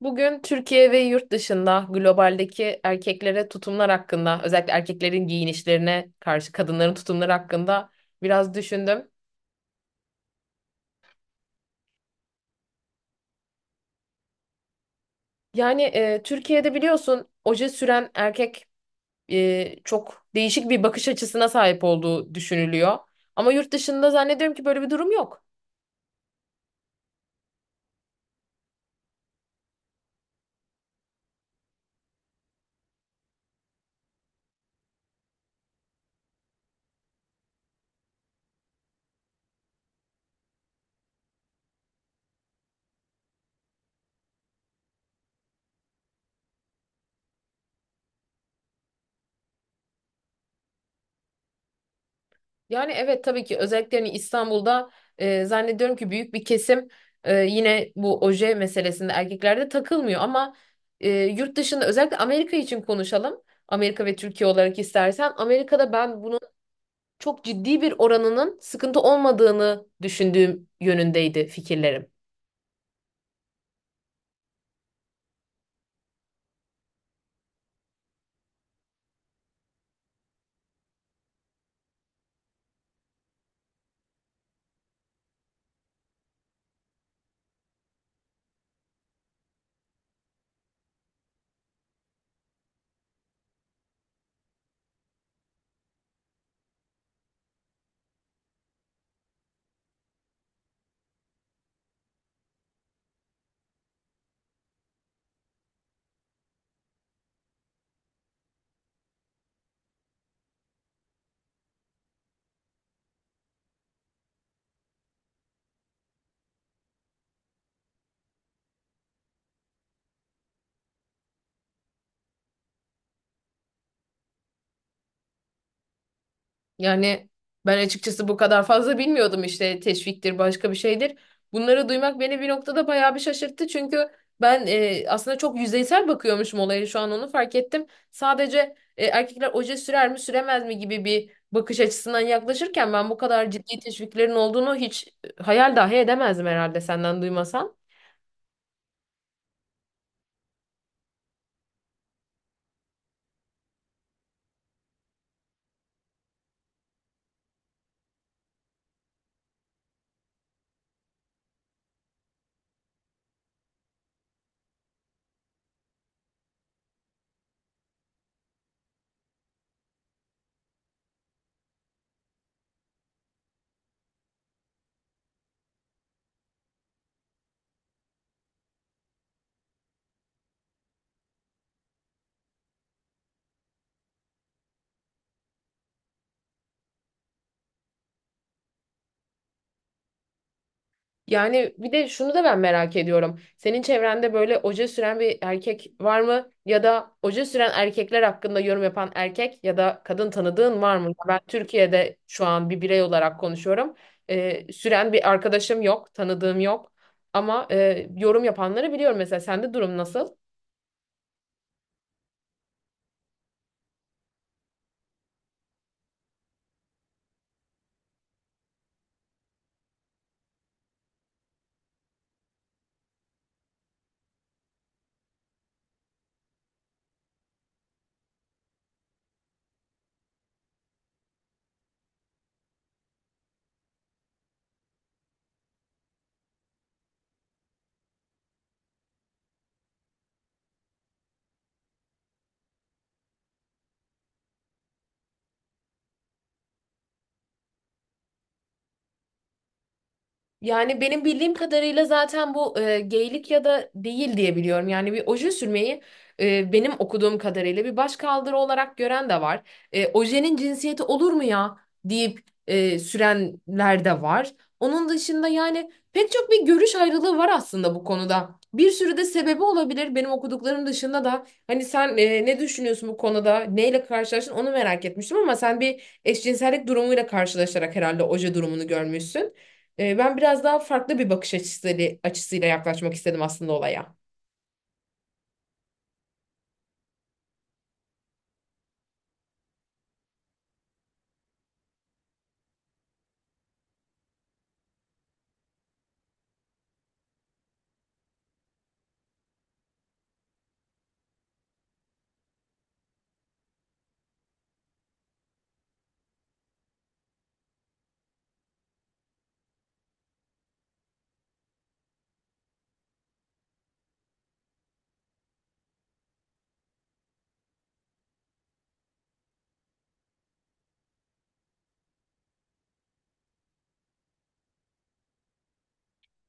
Bugün Türkiye ve yurt dışında globaldeki erkeklere tutumlar hakkında, özellikle erkeklerin giyinişlerine karşı kadınların tutumları hakkında biraz düşündüm. Yani Türkiye'de biliyorsun oje süren erkek çok değişik bir bakış açısına sahip olduğu düşünülüyor. Ama yurt dışında zannediyorum ki böyle bir durum yok. Yani evet, tabii ki özellikle hani İstanbul'da zannediyorum ki büyük bir kesim yine bu oje meselesinde erkeklerde takılmıyor, ama yurt dışında özellikle Amerika için konuşalım. Amerika ve Türkiye olarak istersen Amerika'da ben bunun çok ciddi bir oranının sıkıntı olmadığını düşündüğüm yönündeydi fikirlerim. Yani ben açıkçası bu kadar fazla bilmiyordum, işte teşviktir başka bir şeydir. Bunları duymak beni bir noktada bayağı bir şaşırttı. Çünkü ben aslında çok yüzeysel bakıyormuşum olaya, şu an onu fark ettim. Sadece erkekler oje sürer mi süremez mi gibi bir bakış açısından yaklaşırken ben bu kadar ciddi teşviklerin olduğunu hiç hayal dahi edemezdim herhalde senden duymasam. Yani bir de şunu da ben merak ediyorum. Senin çevrende böyle oje süren bir erkek var mı? Ya da oje süren erkekler hakkında yorum yapan erkek ya da kadın tanıdığın var mı? Ben Türkiye'de şu an bir birey olarak konuşuyorum. Süren bir arkadaşım yok, tanıdığım yok. Ama yorum yapanları biliyorum. Mesela sende durum nasıl? Yani benim bildiğim kadarıyla zaten bu geylik ya da değil diye biliyorum. Yani bir oje sürmeyi benim okuduğum kadarıyla bir başkaldırı olarak gören de var. Ojenin cinsiyeti olur mu ya deyip sürenler de var. Onun dışında yani pek çok bir görüş ayrılığı var aslında bu konuda. Bir sürü de sebebi olabilir benim okuduklarım dışında da. Hani sen ne düşünüyorsun bu konuda? Neyle karşılaştın onu merak etmiştim, ama sen bir eşcinsellik durumuyla karşılaşarak herhalde oje durumunu görmüşsün. Ben biraz daha farklı bir bakış açısıyla yaklaşmak istedim aslında olaya.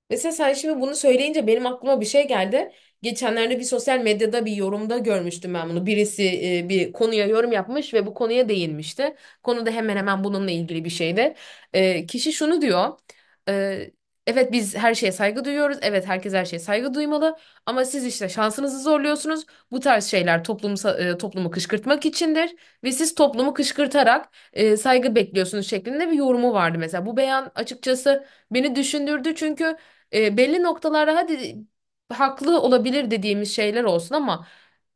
Mesela sen şimdi bunu söyleyince benim aklıma bir şey geldi. Geçenlerde bir sosyal medyada bir yorumda görmüştüm ben bunu. Birisi bir konuya yorum yapmış ve bu konuya değinmişti. Konu da hemen hemen bununla ilgili bir şeydi. Kişi şunu diyor: e, evet, biz her şeye saygı duyuyoruz. Evet, herkes her şeye saygı duymalı. Ama siz işte şansınızı zorluyorsunuz. Bu tarz şeyler toplumu kışkırtmak içindir. Ve siz toplumu kışkırtarak saygı bekliyorsunuz şeklinde bir yorumu vardı mesela. Bu beyan açıkçası beni düşündürdü, çünkü belli noktalarda hadi haklı olabilir dediğimiz şeyler olsun, ama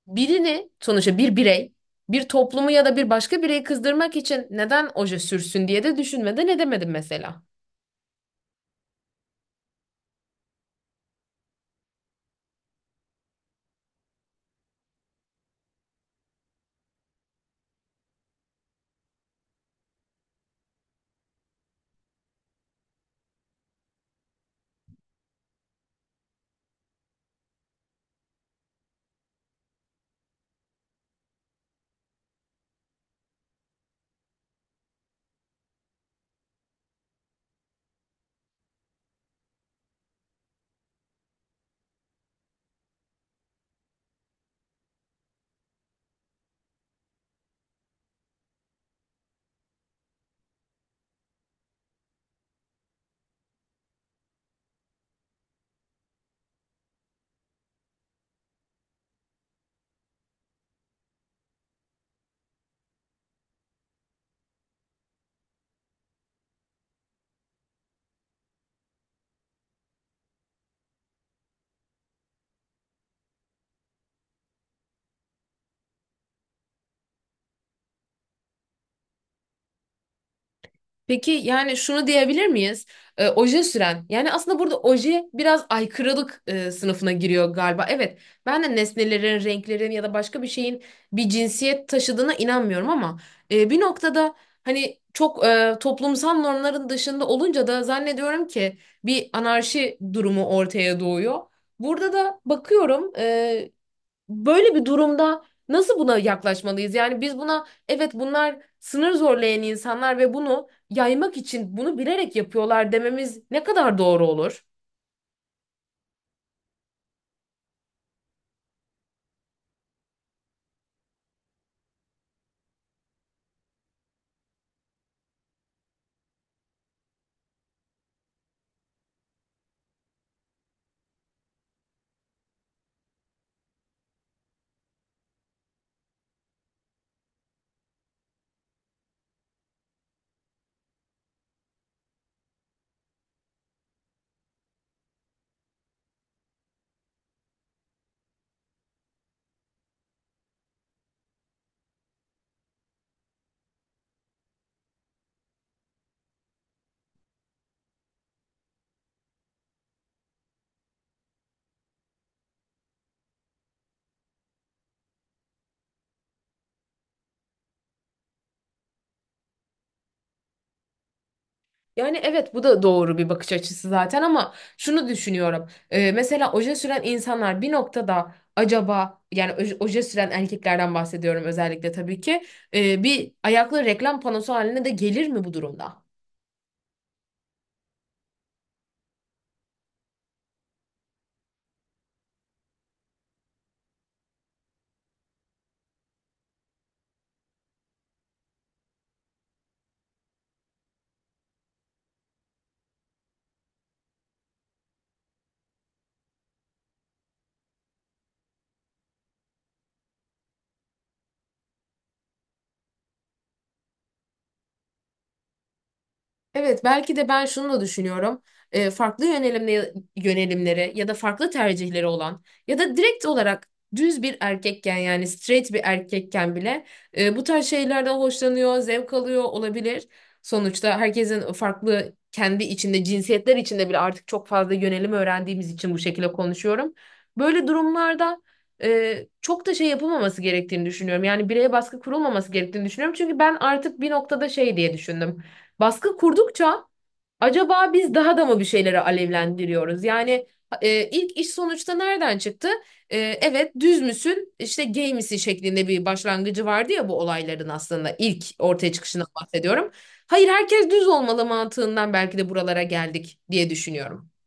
birini sonuçta bir birey bir toplumu ya da bir başka bireyi kızdırmak için neden oje sürsün diye de düşünmeden edemedim mesela. Peki yani şunu diyebilir miyiz? Oje süren. Yani aslında burada oje biraz aykırılık sınıfına giriyor galiba. Evet, ben de nesnelerin, renklerin ya da başka bir şeyin bir cinsiyet taşıdığına inanmıyorum, ama bir noktada hani çok toplumsal normların dışında olunca da zannediyorum ki bir anarşi durumu ortaya doğuyor. Burada da bakıyorum, böyle bir durumda nasıl buna yaklaşmalıyız? Yani biz buna evet bunlar sınır zorlayan insanlar ve bunu yaymak için bunu bilerek yapıyorlar dememiz ne kadar doğru olur? Yani evet, bu da doğru bir bakış açısı zaten, ama şunu düşünüyorum. Mesela oje süren insanlar bir noktada acaba yani oje süren erkeklerden bahsediyorum özellikle, tabii ki bir ayaklı reklam panosu haline de gelir mi bu durumda? Evet, belki de ben şunu da düşünüyorum. Farklı yönelimleri ya da farklı tercihleri olan ya da direkt olarak düz bir erkekken yani straight bir erkekken bile bu tarz şeylerden hoşlanıyor, zevk alıyor olabilir. Sonuçta herkesin farklı kendi içinde, cinsiyetler içinde bile artık çok fazla yönelim öğrendiğimiz için bu şekilde konuşuyorum. Böyle durumlarda çok da şey yapılmaması gerektiğini düşünüyorum. Yani bireye baskı kurulmaması gerektiğini düşünüyorum. Çünkü ben artık bir noktada şey diye düşündüm. Baskı kurdukça acaba biz daha da mı bir şeyleri alevlendiriyoruz? Yani ilk iş sonuçta nereden çıktı? Evet, düz müsün işte gay misin şeklinde bir başlangıcı vardı ya bu olayların, aslında ilk ortaya çıkışından bahsediyorum. Hayır, herkes düz olmalı mantığından belki de buralara geldik diye düşünüyorum.